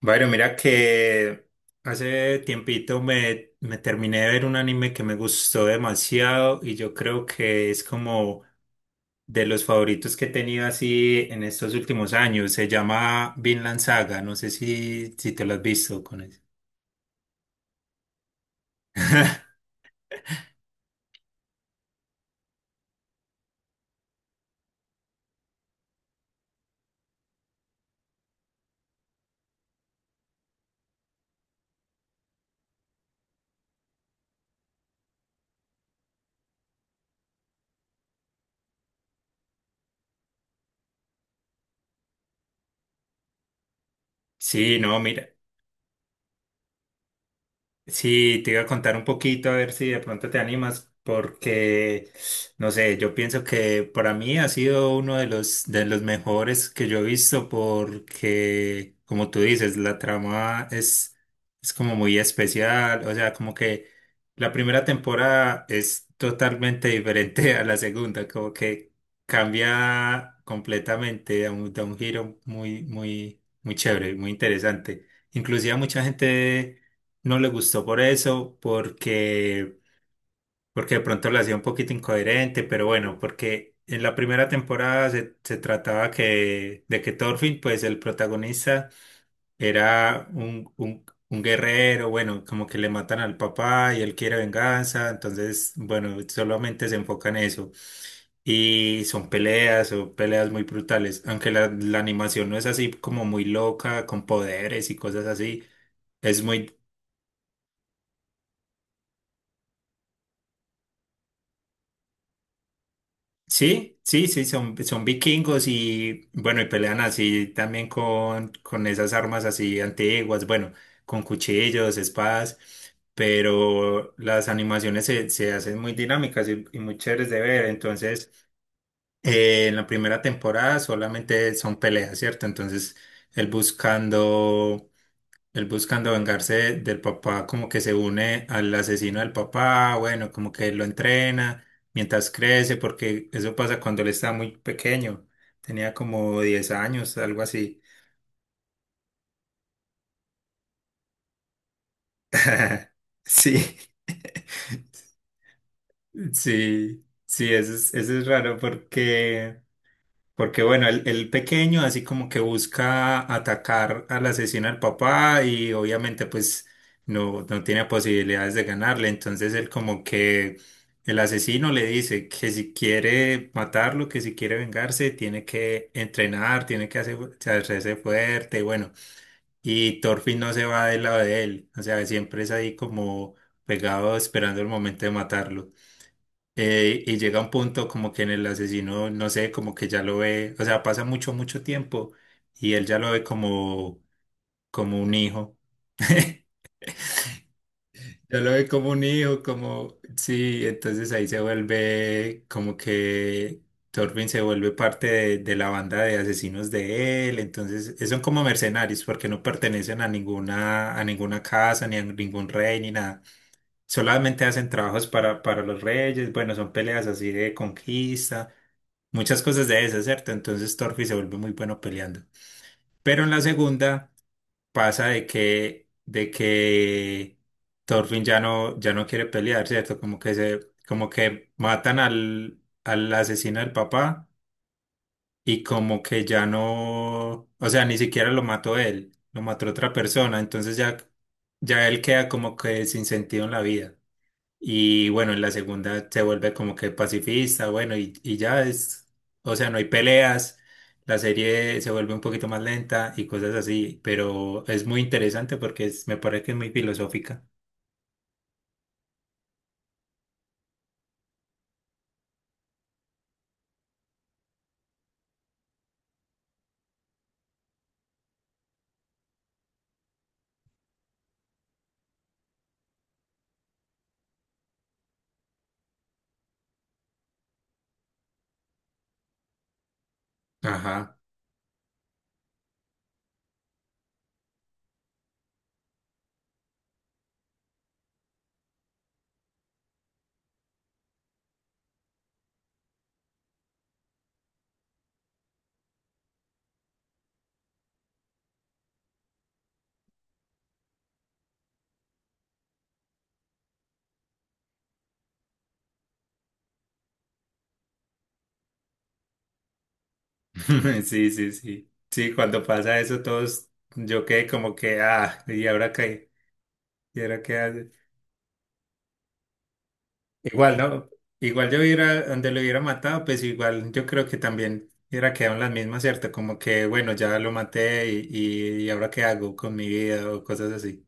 Bueno, mira que hace tiempito me terminé de ver un anime que me gustó demasiado y yo creo que es como de los favoritos que he tenido así en estos últimos años. Se llama Vinland Saga, no sé si te lo has visto con eso. Sí, no, mira. Sí, te iba a contar un poquito a ver si de pronto te animas, porque no sé, yo pienso que para mí ha sido uno de los mejores que yo he visto, porque como tú dices, la trama es como muy especial, o sea, como que la primera temporada es totalmente diferente a la segunda, como que cambia completamente, da un giro muy muy muy chévere, muy interesante. Inclusive a mucha gente no le gustó por eso, porque de pronto la hacía un poquito incoherente, pero bueno, porque en la primera temporada se trataba de que Thorfinn, pues el protagonista, era un guerrero, bueno, como que le matan al papá y él quiere venganza, entonces, bueno, solamente se enfoca en eso. Y son peleas muy brutales, aunque la animación no es así como muy loca, con poderes y cosas así. Es muy, sí, sí, sí, son vikingos y bueno, y pelean así también con esas armas así antiguas, bueno, con cuchillos, espadas, pero las animaciones se hacen muy dinámicas y muy chéveres de ver. Entonces, en la primera temporada solamente son peleas, ¿cierto? Entonces, él buscando él buscando vengarse del papá, como que se une al asesino del papá, bueno, como que lo entrena mientras crece, porque eso pasa cuando él está muy pequeño, tenía como 10 años, algo así. Sí, sí, sí, eso es raro porque porque bueno, el pequeño así como que busca atacar al asesino al papá y obviamente pues no tiene posibilidades de ganarle. Entonces él como que el asesino le dice que si quiere matarlo, que si quiere vengarse, tiene que entrenar, tiene que hacer, hacerse fuerte. Y bueno, y Thorfinn no se va del lado de él. O sea, siempre es ahí como pegado esperando el momento de matarlo. Y llega un punto como que en el asesino, no sé, como que ya lo ve, o sea, pasa mucho, mucho tiempo y él ya lo ve como, como un hijo. Ya lo ve como un hijo, como, sí, entonces ahí se vuelve como que Torvin se vuelve parte de la banda de asesinos de él, entonces son como mercenarios porque no pertenecen a ninguna casa, ni a ningún rey, ni nada, solamente hacen trabajos para los reyes, bueno, son peleas así de conquista, muchas cosas de esas, ¿cierto? Entonces Torfi se vuelve muy bueno peleando. Pero en la segunda pasa de que Thorfinn ya no, ya no quiere pelear, ¿cierto? Como que se, como que matan al, al asesino del papá y como que ya no, o sea, ni siquiera lo mató él, lo mató otra persona, entonces ya, ya él queda como que sin sentido en la vida. Y bueno, en la segunda se vuelve como que pacifista, bueno, y ya es, o sea, no hay peleas, la serie se vuelve un poquito más lenta y cosas así, pero es muy interesante porque es- me parece que es muy filosófica. Ajá, sí, sí, sí. Sí, cuando pasa eso todos, yo quedé como que, ah, ¿y ahora qué? ¿Y ahora qué hace? Igual, ¿no? Igual yo hubiera, donde lo hubiera matado, pues igual yo creo que también hubiera quedado en las mismas, ¿cierto? Como que, bueno, ya lo maté y ahora qué hago con mi vida o cosas así.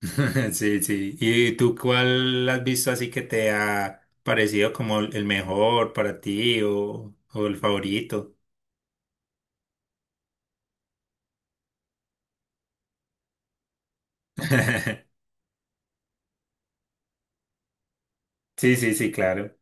Sí, sí. ¿Y tú cuál has visto así que te ha parecido como el mejor para ti o el favorito? Sí, sí, sí, claro.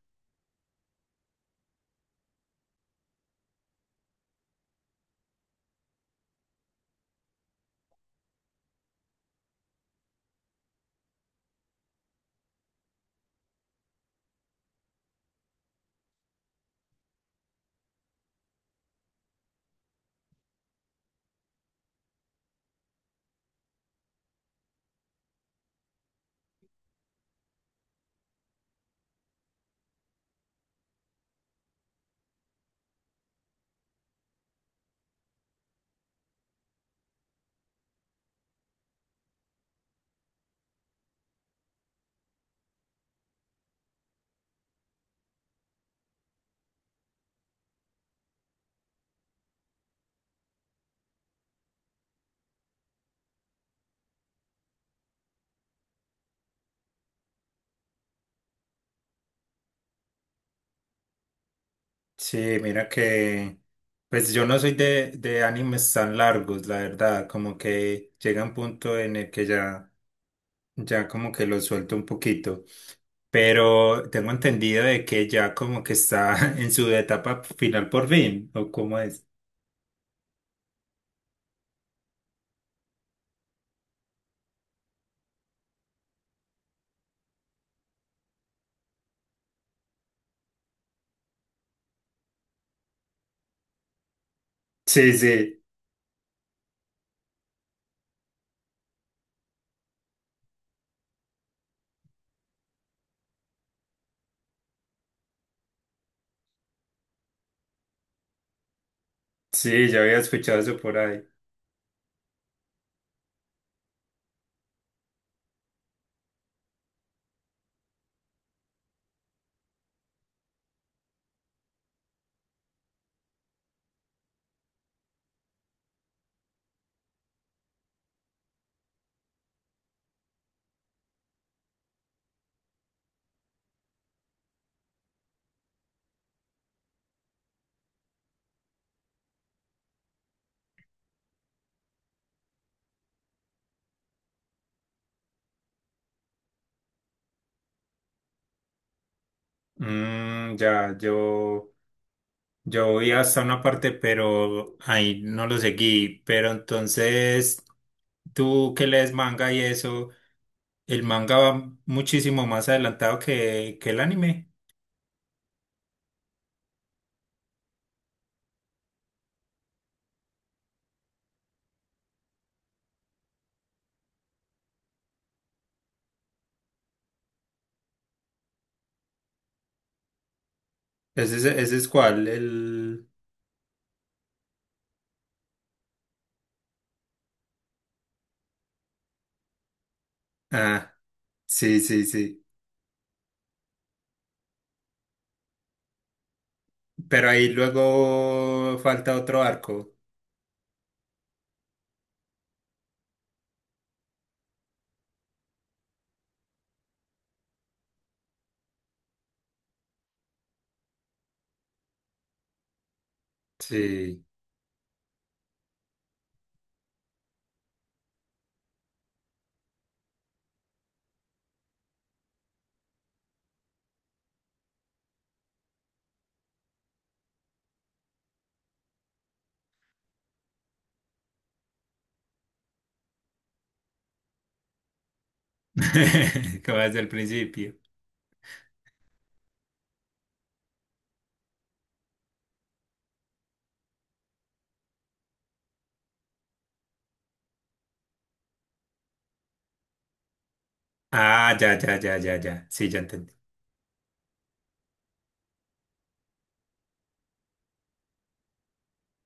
Sí, mira que, pues yo no soy de animes tan largos, la verdad, como que llega un punto en el que ya... Ya como que lo suelto un poquito, pero tengo entendido de que ya como que está en su etapa final por fin, ¿o cómo es? Sí, sí, sí, ya había escuchado eso por ahí. Mm, ya, yo voy hasta una parte, pero ahí no lo seguí, pero entonces tú que lees manga y eso, el manga va muchísimo más adelantado que el anime. Ese es cuál, el... Ah, sí, sí, sí. Pero ahí luego falta otro arco. Sí. Como desde el principio. Ah, ya, ya, ya, ya, ya. Sí, ya entendí.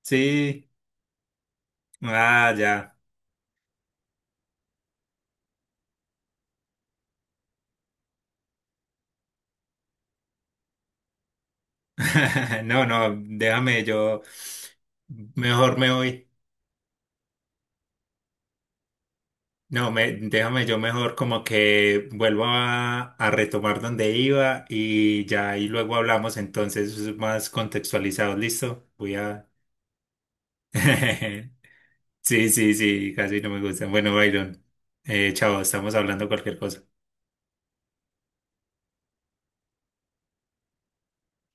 Sí, ah, ya. No, no, déjame yo. Mejor me voy. No, me, déjame yo mejor como que vuelvo a retomar donde iba y ya y luego hablamos entonces más contextualizados. Listo. Voy a. Sí, sí, sí, casi no me gustan. Bueno, Byron, chao, estamos hablando cualquier cosa.